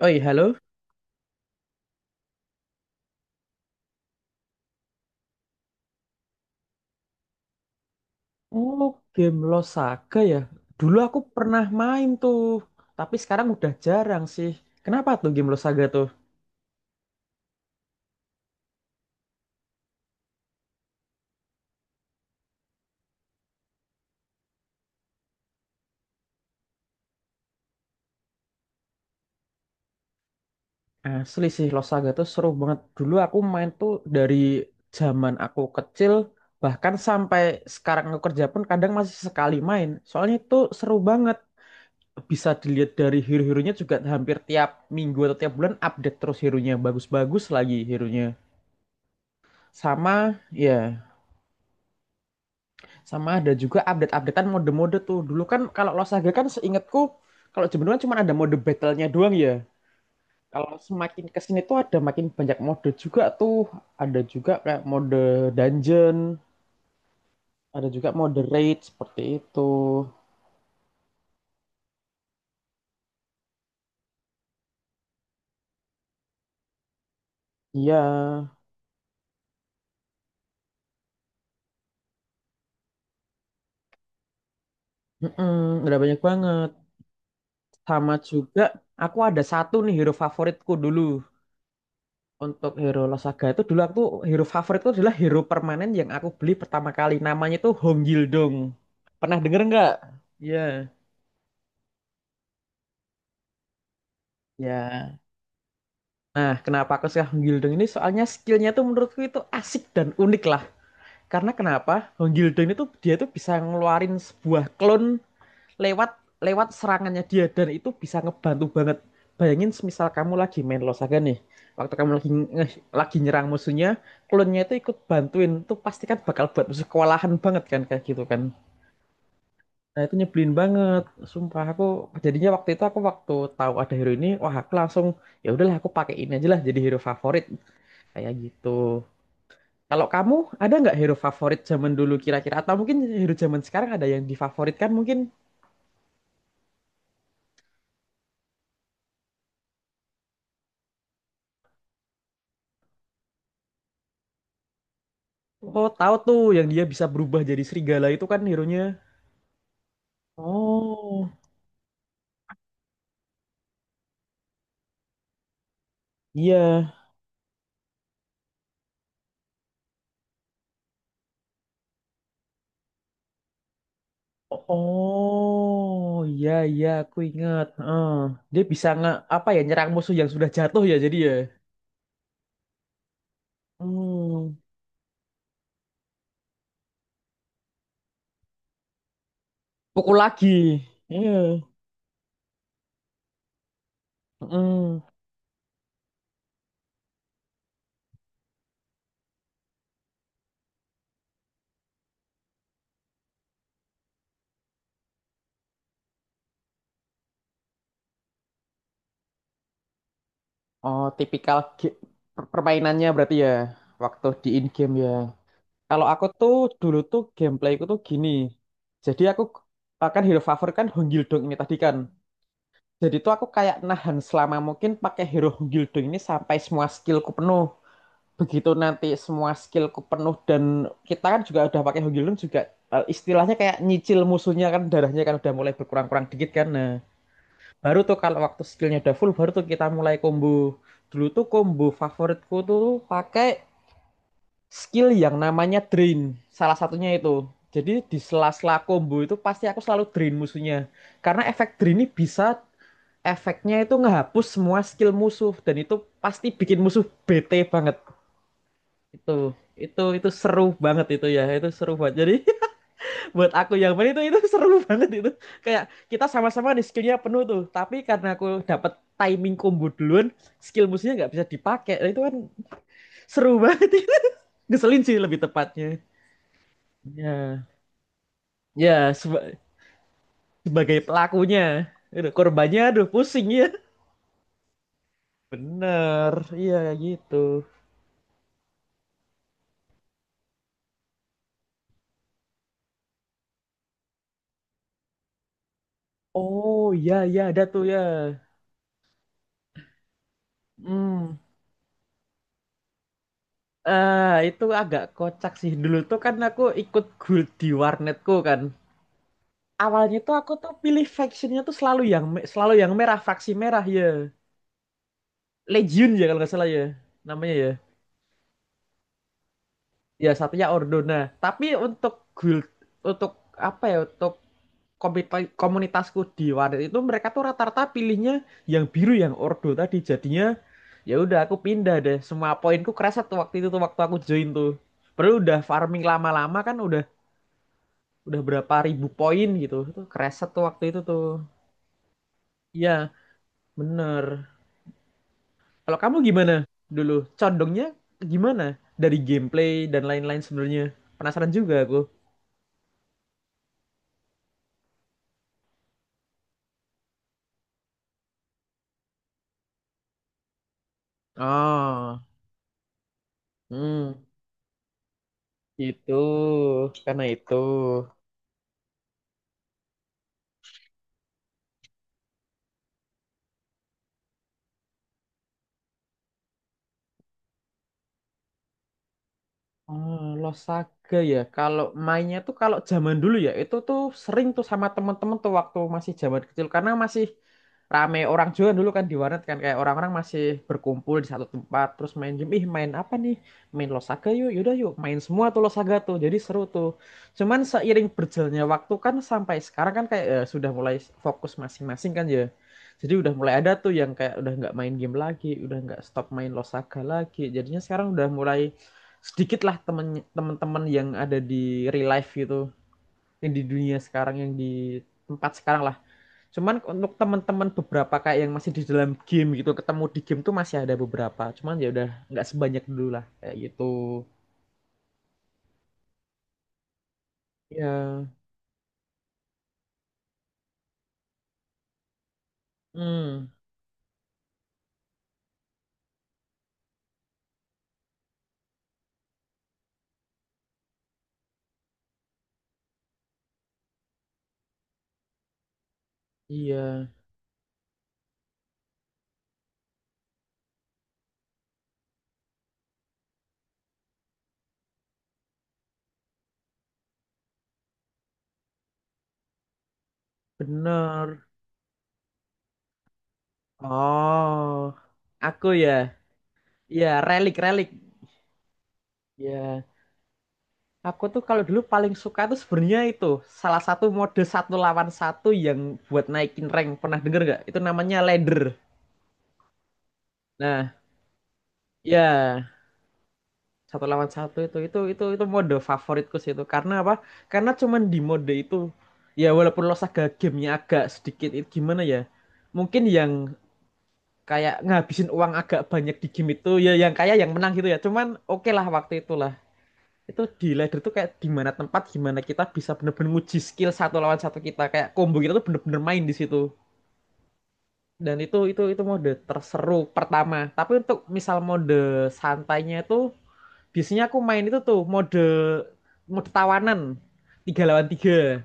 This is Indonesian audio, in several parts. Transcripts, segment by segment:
Oi, halo. Oh, game Lost Saga ya. Dulu aku pernah main tuh, tapi sekarang udah jarang sih. Kenapa tuh game Lost Saga tuh? Asli sih Lost Saga tuh seru banget. Dulu aku main tuh dari zaman aku kecil, bahkan sampai sekarang aku kerja pun kadang masih sekali main. Soalnya itu seru banget. Bisa dilihat dari hero-heronya juga hampir tiap minggu atau tiap bulan update terus hero-nya. Bagus-bagus lagi hero-nya. Sama, ya. Sama ada juga update-updatean mode-mode tuh. Dulu kan kalau Lost Saga kan seingatku kalau Jemberan cuma ada mode battle-nya doang ya. Kalau semakin kesini tuh ada makin banyak mode juga tuh. Ada juga kayak mode dungeon, ada juga mode raid seperti itu. Iya, mm-mm, udah banyak banget. Sama juga aku ada satu nih hero favoritku dulu. Untuk hero Losaga itu dulu aku tuh hero favorit itu adalah hero permanen yang aku beli pertama kali. Namanya itu Hong Gildong. Pernah denger nggak? Iya. Ya. Nah, kenapa aku suka Hong Gildong ini? Soalnya skillnya tuh menurutku itu asik dan unik lah. Karena kenapa? Hong Gildong itu dia tuh bisa ngeluarin sebuah clone lewat lewat serangannya dia dan itu bisa ngebantu banget. Bayangin semisal kamu lagi main Losaga nih, waktu kamu lagi nyerang musuhnya, klonnya itu ikut bantuin, tuh pasti kan bakal buat musuh kewalahan banget kan kayak gitu kan. Nah itu nyebelin banget, sumpah aku jadinya waktu itu aku waktu tahu ada hero ini, wah aku langsung ya udahlah aku pakai ini aja lah jadi hero favorit kayak gitu. Kalau kamu ada nggak hero favorit zaman dulu kira-kira atau mungkin hero zaman sekarang ada yang difavoritkan mungkin? Oh, tahu tuh yang dia bisa berubah jadi serigala itu kan hero-nya. Oh, iya. Oh, iya iya aku ingat. Heeh. Dia bisa nge apa ya nyerang musuh yang sudah jatuh ya jadi ya. Hmm, pukul lagi. Iya. Heeh. Oh, tipikal permainannya berarti ya waktu di in game ya. Kalau aku tuh dulu tuh gameplayku tuh gini. Jadi aku akan hero favor kan Honggildong ini tadi kan. Jadi tuh aku kayak nahan selama mungkin pakai Hero Guildo ini sampai semua skillku penuh. Begitu nanti semua skillku penuh dan kita kan juga udah pakai Hero Guildo juga istilahnya kayak nyicil musuhnya kan darahnya kan udah mulai berkurang-kurang dikit kan. Nah, baru tuh kalau waktu skillnya udah full baru tuh kita mulai combo. Dulu tuh combo favoritku tuh pakai skill yang namanya drain. Salah satunya itu. Jadi di sela-sela combo itu pasti aku selalu drain musuhnya. Karena efek drain ini bisa efeknya itu ngehapus semua skill musuh dan itu pasti bikin musuh bete banget itu. Itu seru banget itu, ya itu seru banget jadi buat aku yang main itu seru banget itu kayak kita sama-sama di skillnya penuh tuh tapi karena aku dapat timing combo duluan skill musuhnya nggak bisa dipakai. Nah, itu kan seru banget itu ngeselin sih lebih tepatnya. Ya ya seba- sebagai pelakunya. Aduh, korbannya aduh pusing ya bener iya gitu. Oh, ya ya, ada tuh ya. Hmm. Eh, itu agak kocak sih. Dulu tuh kan aku ikut guild di warnetku kan. Awalnya tuh aku tuh pilih factionnya tuh selalu yang merah, faksi merah ya. Legion ya kalau nggak salah ya namanya ya. Ya satunya Ordo. Nah, tapi untuk guild untuk apa ya? Untuk komunitasku di Wadet itu mereka tuh rata-rata pilihnya yang biru yang ordo tadi jadinya ya udah aku pindah deh semua poinku kerasa tuh waktu itu tuh waktu aku join tuh perlu udah farming lama-lama kan udah berapa ribu poin gitu tuh kerasa tuh waktu itu tuh iya bener. Kalau kamu gimana dulu condongnya gimana dari gameplay dan lain-lain sebenarnya penasaran juga aku. Oh, hmm, itu karena itu. Oh, Losaga ya. Kalau mainnya tuh kalau zaman dulu ya itu tuh sering tuh sama temen-temen tuh waktu masih zaman kecil karena masih rame orang juga dulu kan di warnet kan kayak orang-orang masih berkumpul di satu tempat terus main game. Ih, main apa nih? Main Losaga yuk. Yaudah yuk, main semua tuh Losaga tuh. Jadi seru tuh. Cuman seiring berjalannya waktu kan sampai sekarang kan kayak sudah mulai fokus masing-masing kan ya. Jadi udah mulai ada tuh yang kayak udah nggak main game lagi, udah nggak stop main Losaga lagi. Jadinya sekarang udah mulai sedikit lah teman yang ada di real life gitu yang di dunia sekarang yang di tempat sekarang lah cuman untuk teman-teman beberapa kayak yang masih di dalam game gitu ketemu di game tuh masih ada beberapa cuman ya udah nggak sebanyak dulu lah kayak gitu. Ya, hmm, iya bener. Oh, aku ya, ya relik relik ya. Aku tuh kalau dulu paling suka tuh sebenarnya itu salah satu mode satu lawan satu yang buat naikin rank pernah denger gak? Itu namanya ladder. Nah, ya satu lawan satu itu mode favoritku sih itu karena apa? Karena cuman di mode itu ya walaupun lo saga gamenya agak sedikit itu gimana ya? Mungkin yang kayak ngabisin uang agak banyak di game itu ya yang kaya yang menang gitu ya. Cuman oke lah waktu itu lah. Itu di ladder tuh kayak di mana tempat gimana kita bisa bener-bener nguji skill satu lawan satu kita kayak combo kita tuh bener-bener main di situ dan itu mode terseru pertama tapi untuk misal mode santainya itu biasanya aku main itu tuh mode mode tawanan tiga lawan tiga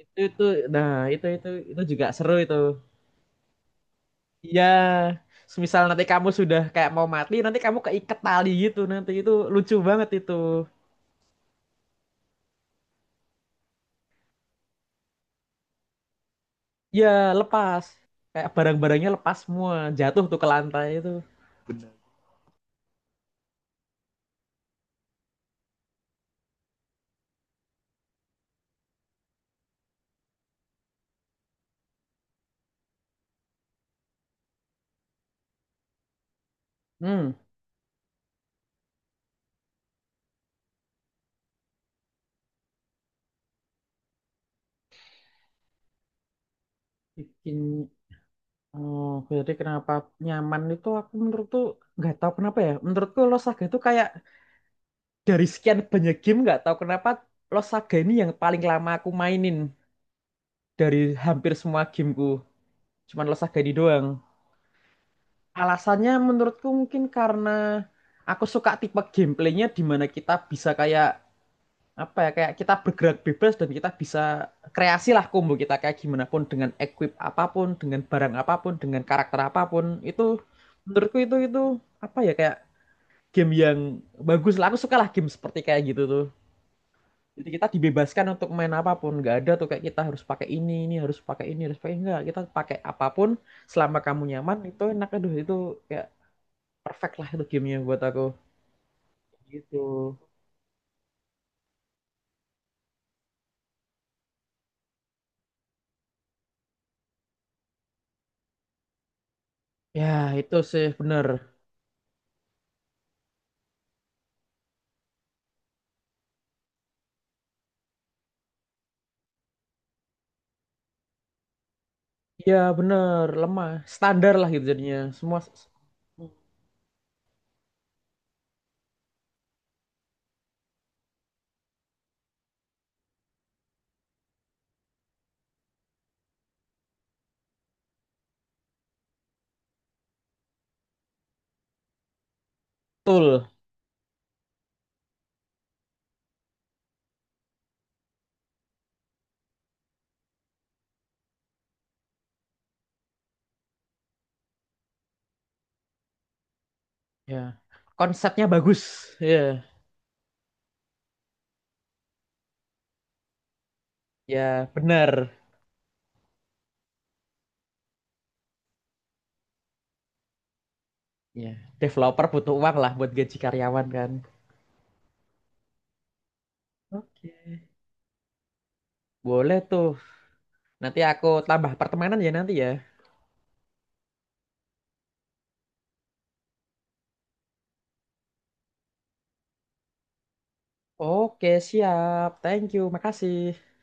itu nah itu itu itu juga seru itu. Iya, semisal nanti kamu sudah kayak mau mati nanti kamu keiket tali gitu nanti itu lucu banget itu. Ya, lepas. Kayak barang-barangnya lepas semua, jatuh tuh ke lantai itu. Hmm, bikin oh, jadi kenapa nyaman itu aku menurut tuh nggak tahu kenapa ya. Menurutku Los Saga itu kayak dari sekian banyak game nggak tahu kenapa Los Saga ini yang paling lama aku mainin dari hampir semua gameku. Cuman Los Saga ini doang. Alasannya menurutku mungkin karena aku suka tipe gameplaynya di mana kita bisa kayak apa ya kayak kita bergerak bebas dan kita bisa kreasi lah combo kita kayak gimana pun dengan equip apapun dengan barang apapun dengan karakter apapun itu menurutku itu apa ya kayak game yang bagus lah aku suka lah game seperti kayak gitu tuh jadi kita dibebaskan untuk main apapun nggak ada tuh kayak kita harus pakai ini harus pakai enggak kita pakai apapun selama kamu nyaman itu enak aduh itu kayak perfect lah itu gamenya buat aku gitu. Ya, itu sih bener. Iya bener, lemah. Standar lah gitu jadinya. Semua betul. Ya. Konsepnya bagus. Ya. Ya bener. Ya. Developer butuh uang lah buat gaji karyawan kan. Oke. Boleh tuh. Nanti aku tambah pertemanan ya nanti ya. Oke siap. Thank you. Makasih.